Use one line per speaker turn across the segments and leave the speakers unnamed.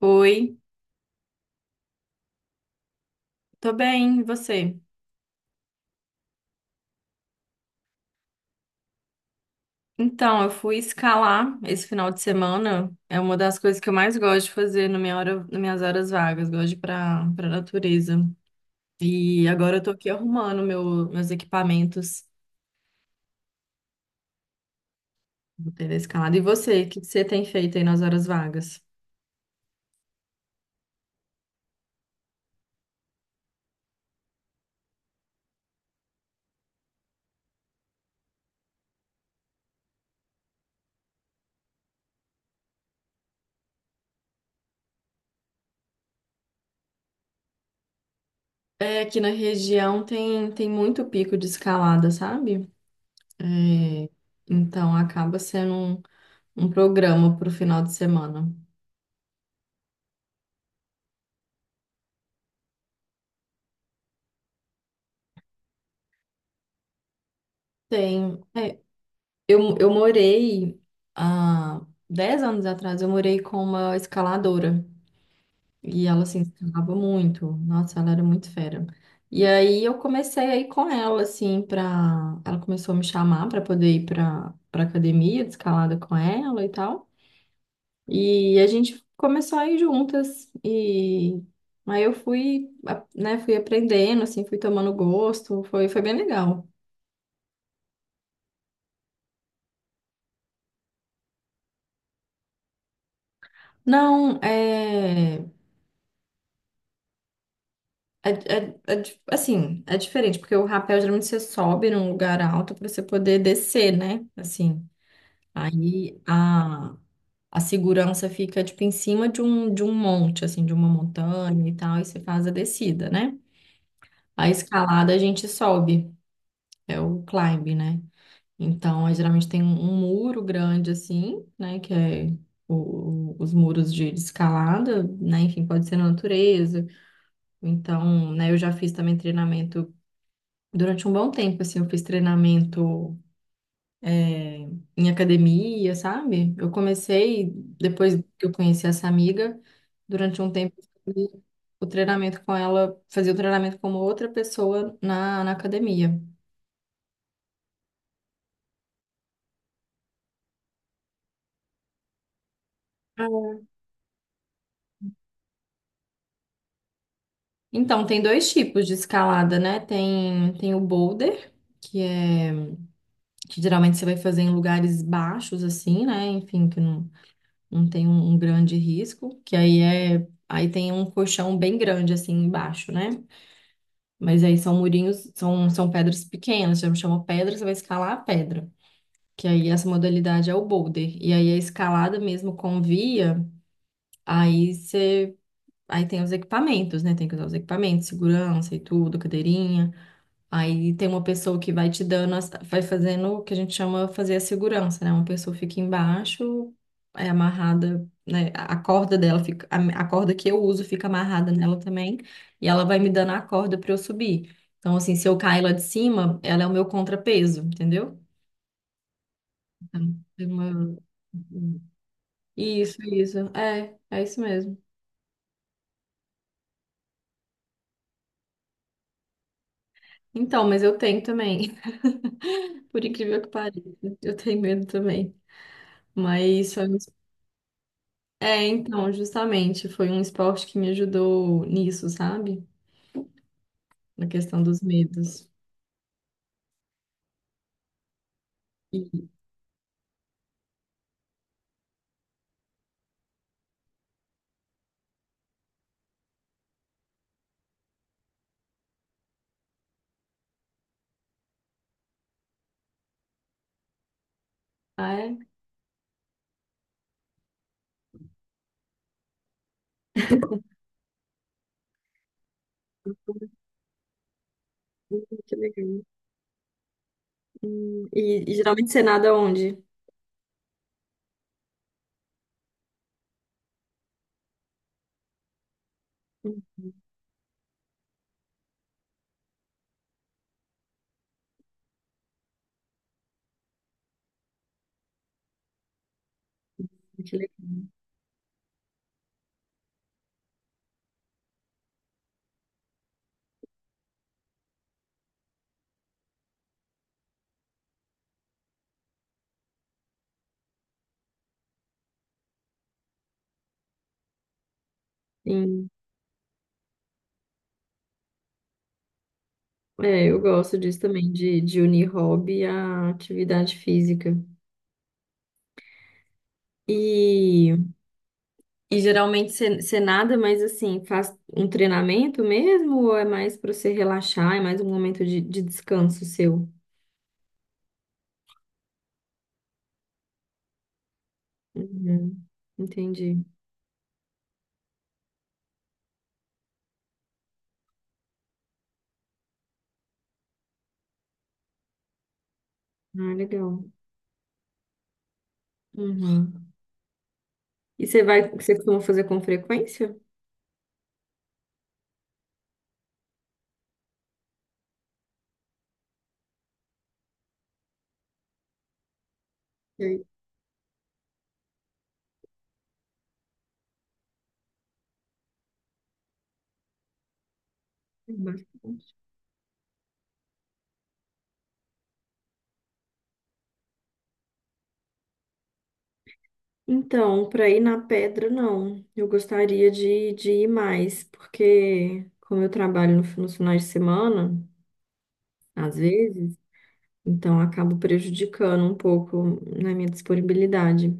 Oi, tô bem, e você? Então, eu fui escalar esse final de semana. É uma das coisas que eu mais gosto de fazer na nas minhas horas vagas. Gosto de ir pra natureza. E agora eu tô aqui arrumando meus equipamentos. Vou ter a escalada. E você, o que que você tem feito aí nas horas vagas? É, aqui na região tem muito pico de escalada, sabe? É, então acaba sendo um programa pro final de semana. Tem. Eu morei há 10 anos atrás, eu morei com uma escaladora. E ela, assim, escalava muito. Nossa, ela era muito fera. E aí eu comecei a ir com ela, assim, pra... Ela começou a me chamar pra poder ir pra academia de escalada com ela e tal. E a gente começou a ir juntas. E aí eu fui, né, fui aprendendo, assim, fui tomando gosto. Foi bem legal. Não, é... É, é assim, é diferente, porque o rapel geralmente você sobe num lugar alto para você poder descer, né? Assim, aí a, a segurança fica, tipo, em cima de de um monte, assim, de uma montanha e tal, e você faz a descida, né? A escalada a gente sobe, é o climb, né? Então, aí, geralmente tem um muro grande, assim, né? Que é os muros de escalada, né? Enfim, pode ser na natureza. Então, né, eu já fiz também treinamento durante um bom tempo, assim, eu fiz treinamento, é, em academia, sabe? Eu comecei, depois que eu conheci essa amiga, durante um tempo, eu fazia o treinamento com ela, fazia o treinamento como outra pessoa na academia. Ah. Então, tem dois tipos de escalada, né? Tem o boulder, que é que geralmente você vai fazer em lugares baixos, assim, né? Enfim, que não, não tem um grande risco, que aí tem um colchão bem grande assim embaixo, né? Mas aí são murinhos, são pedras pequenas, já me chamou pedra, você vai escalar a pedra. Que aí essa modalidade é o boulder. E aí a escalada mesmo com via, aí você aí tem os equipamentos, né? Tem que usar os equipamentos, segurança e tudo, cadeirinha. Aí tem uma pessoa que vai te dando, vai fazendo o que a gente chama fazer a segurança, né? Uma pessoa fica embaixo, é amarrada, né? A corda dela fica, a corda que eu uso fica amarrada nela também, e ela vai me dando a corda para eu subir. Então, assim, se eu cair lá de cima, ela é o meu contrapeso, entendeu? Então, tem uma- Isso, isso. É, é isso mesmo. Então, mas eu tenho também. Por incrível que pareça, eu tenho medo também. Mas é, então, justamente, foi um esporte que me ajudou nisso, sabe? Na questão dos medos. E, ah, é? Que legal. E, e geralmente você nada onde? Hum, Que legal. Sim. É, eu gosto disso também, de unir hobby à atividade física. E, e geralmente você nada, mas assim, faz um treinamento mesmo ou é mais para você relaxar, é mais um momento de descanso seu? Uhum, entendi. Ah, legal. Uhum. E você vai, você costuma fazer com frequência? Eu- bastante. Então, para ir na pedra, não. Eu gostaria de ir mais, porque como eu trabalho no nos finais de semana, às vezes, então acabo prejudicando um pouco na minha disponibilidade.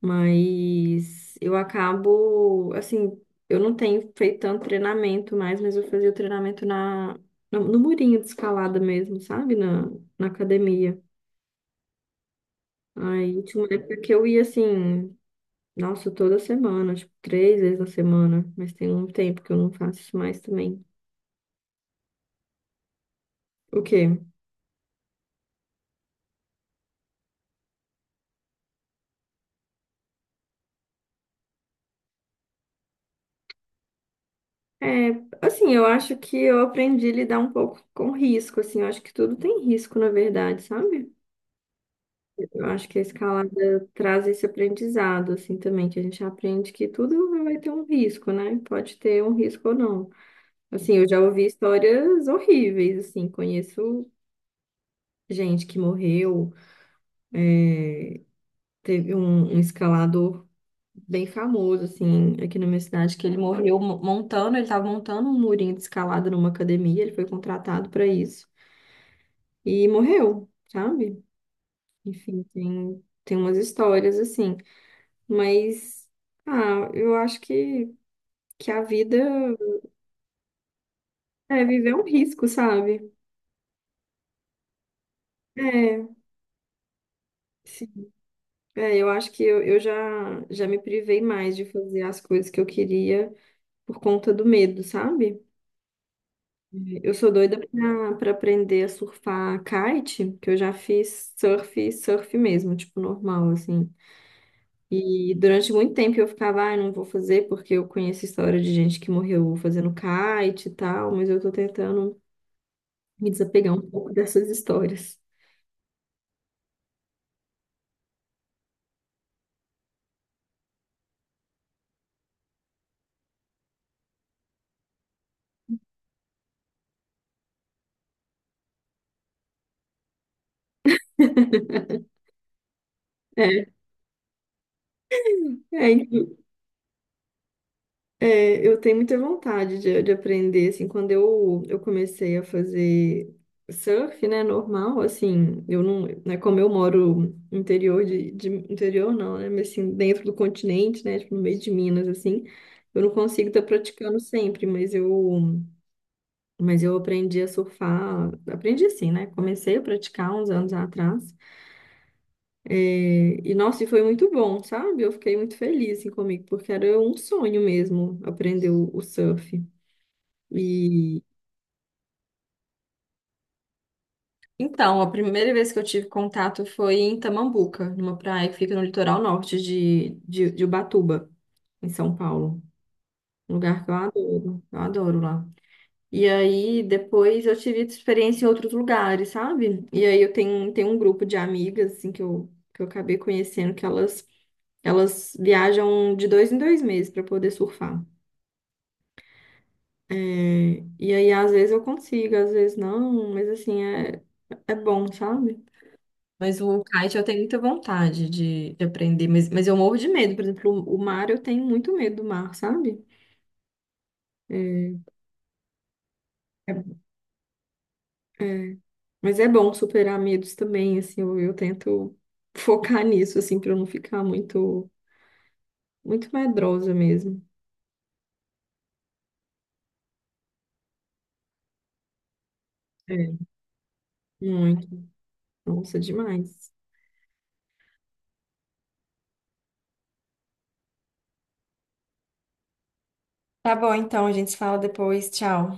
Mas eu acabo, assim, eu não tenho feito tanto treinamento mais, mas eu fazia o treinamento no murinho de escalada mesmo, sabe? Na academia. Aí tinha uma época que eu ia assim, nossa, toda semana, tipo, 3 vezes na semana, mas tem um tempo que eu não faço isso mais também. O quê? É, assim, eu acho que eu aprendi a lidar um pouco com risco, assim, eu acho que tudo tem risco, na verdade, sabe? Eu acho que a escalada traz esse aprendizado, assim, também, que a gente aprende que tudo vai ter um risco, né? Pode ter um risco ou não. Assim, eu já ouvi histórias horríveis, assim, conheço gente que morreu, é, teve um escalador bem famoso, assim, aqui na minha cidade, que ele morreu montando, ele estava montando um murinho de escalada numa academia, ele foi contratado para isso. E morreu, sabe? Enfim, tem umas histórias assim. Mas, ah, eu acho que a vida é viver um risco, sabe? É, sim. É, eu acho que já me privei mais de fazer as coisas que eu queria por conta do medo, sabe? Eu sou doida para aprender a surfar kite, que eu já fiz surf, surf mesmo, tipo normal, assim. E durante muito tempo eu ficava, ai, não vou fazer, porque eu conheço história de gente que morreu fazendo kite e tal, mas eu tô tentando me desapegar um pouco dessas histórias. É, é, É, eu tenho muita vontade de aprender, assim, quando eu comecei a fazer surf, né, normal, assim, eu não, né, como eu moro no interior interior não, né, mas assim, dentro do continente, né, tipo, no meio de Minas, assim, eu não consigo estar praticando sempre, mas eu aprendi a surfar, aprendi assim, né, comecei a praticar uns anos atrás, é, e, nossa, e foi muito bom, sabe? Eu fiquei muito feliz, assim, comigo, porque era um sonho mesmo aprender o surf. E então, a primeira vez que eu tive contato foi em Tamambuca, numa praia que fica no litoral norte de Ubatuba, em São Paulo. Um lugar que eu adoro lá. E aí, depois eu tive experiência em outros lugares, sabe? E aí eu tenho um grupo de amigas, assim, que que eu acabei conhecendo, elas viajam de 2 em 2 meses para poder surfar. É, e aí, às vezes eu consigo, às vezes não, mas assim, é, é bom, sabe? Mas o kite eu tenho muita vontade de aprender, mas eu morro de medo. Por exemplo, o mar eu tenho muito medo do mar, sabe? É, é, mas é bom superar medos também, assim, eu tento focar nisso, assim, para eu não ficar muito, muito medrosa mesmo. É, muito. Nossa, demais. Tá bom, então, a gente se fala depois. Tchau.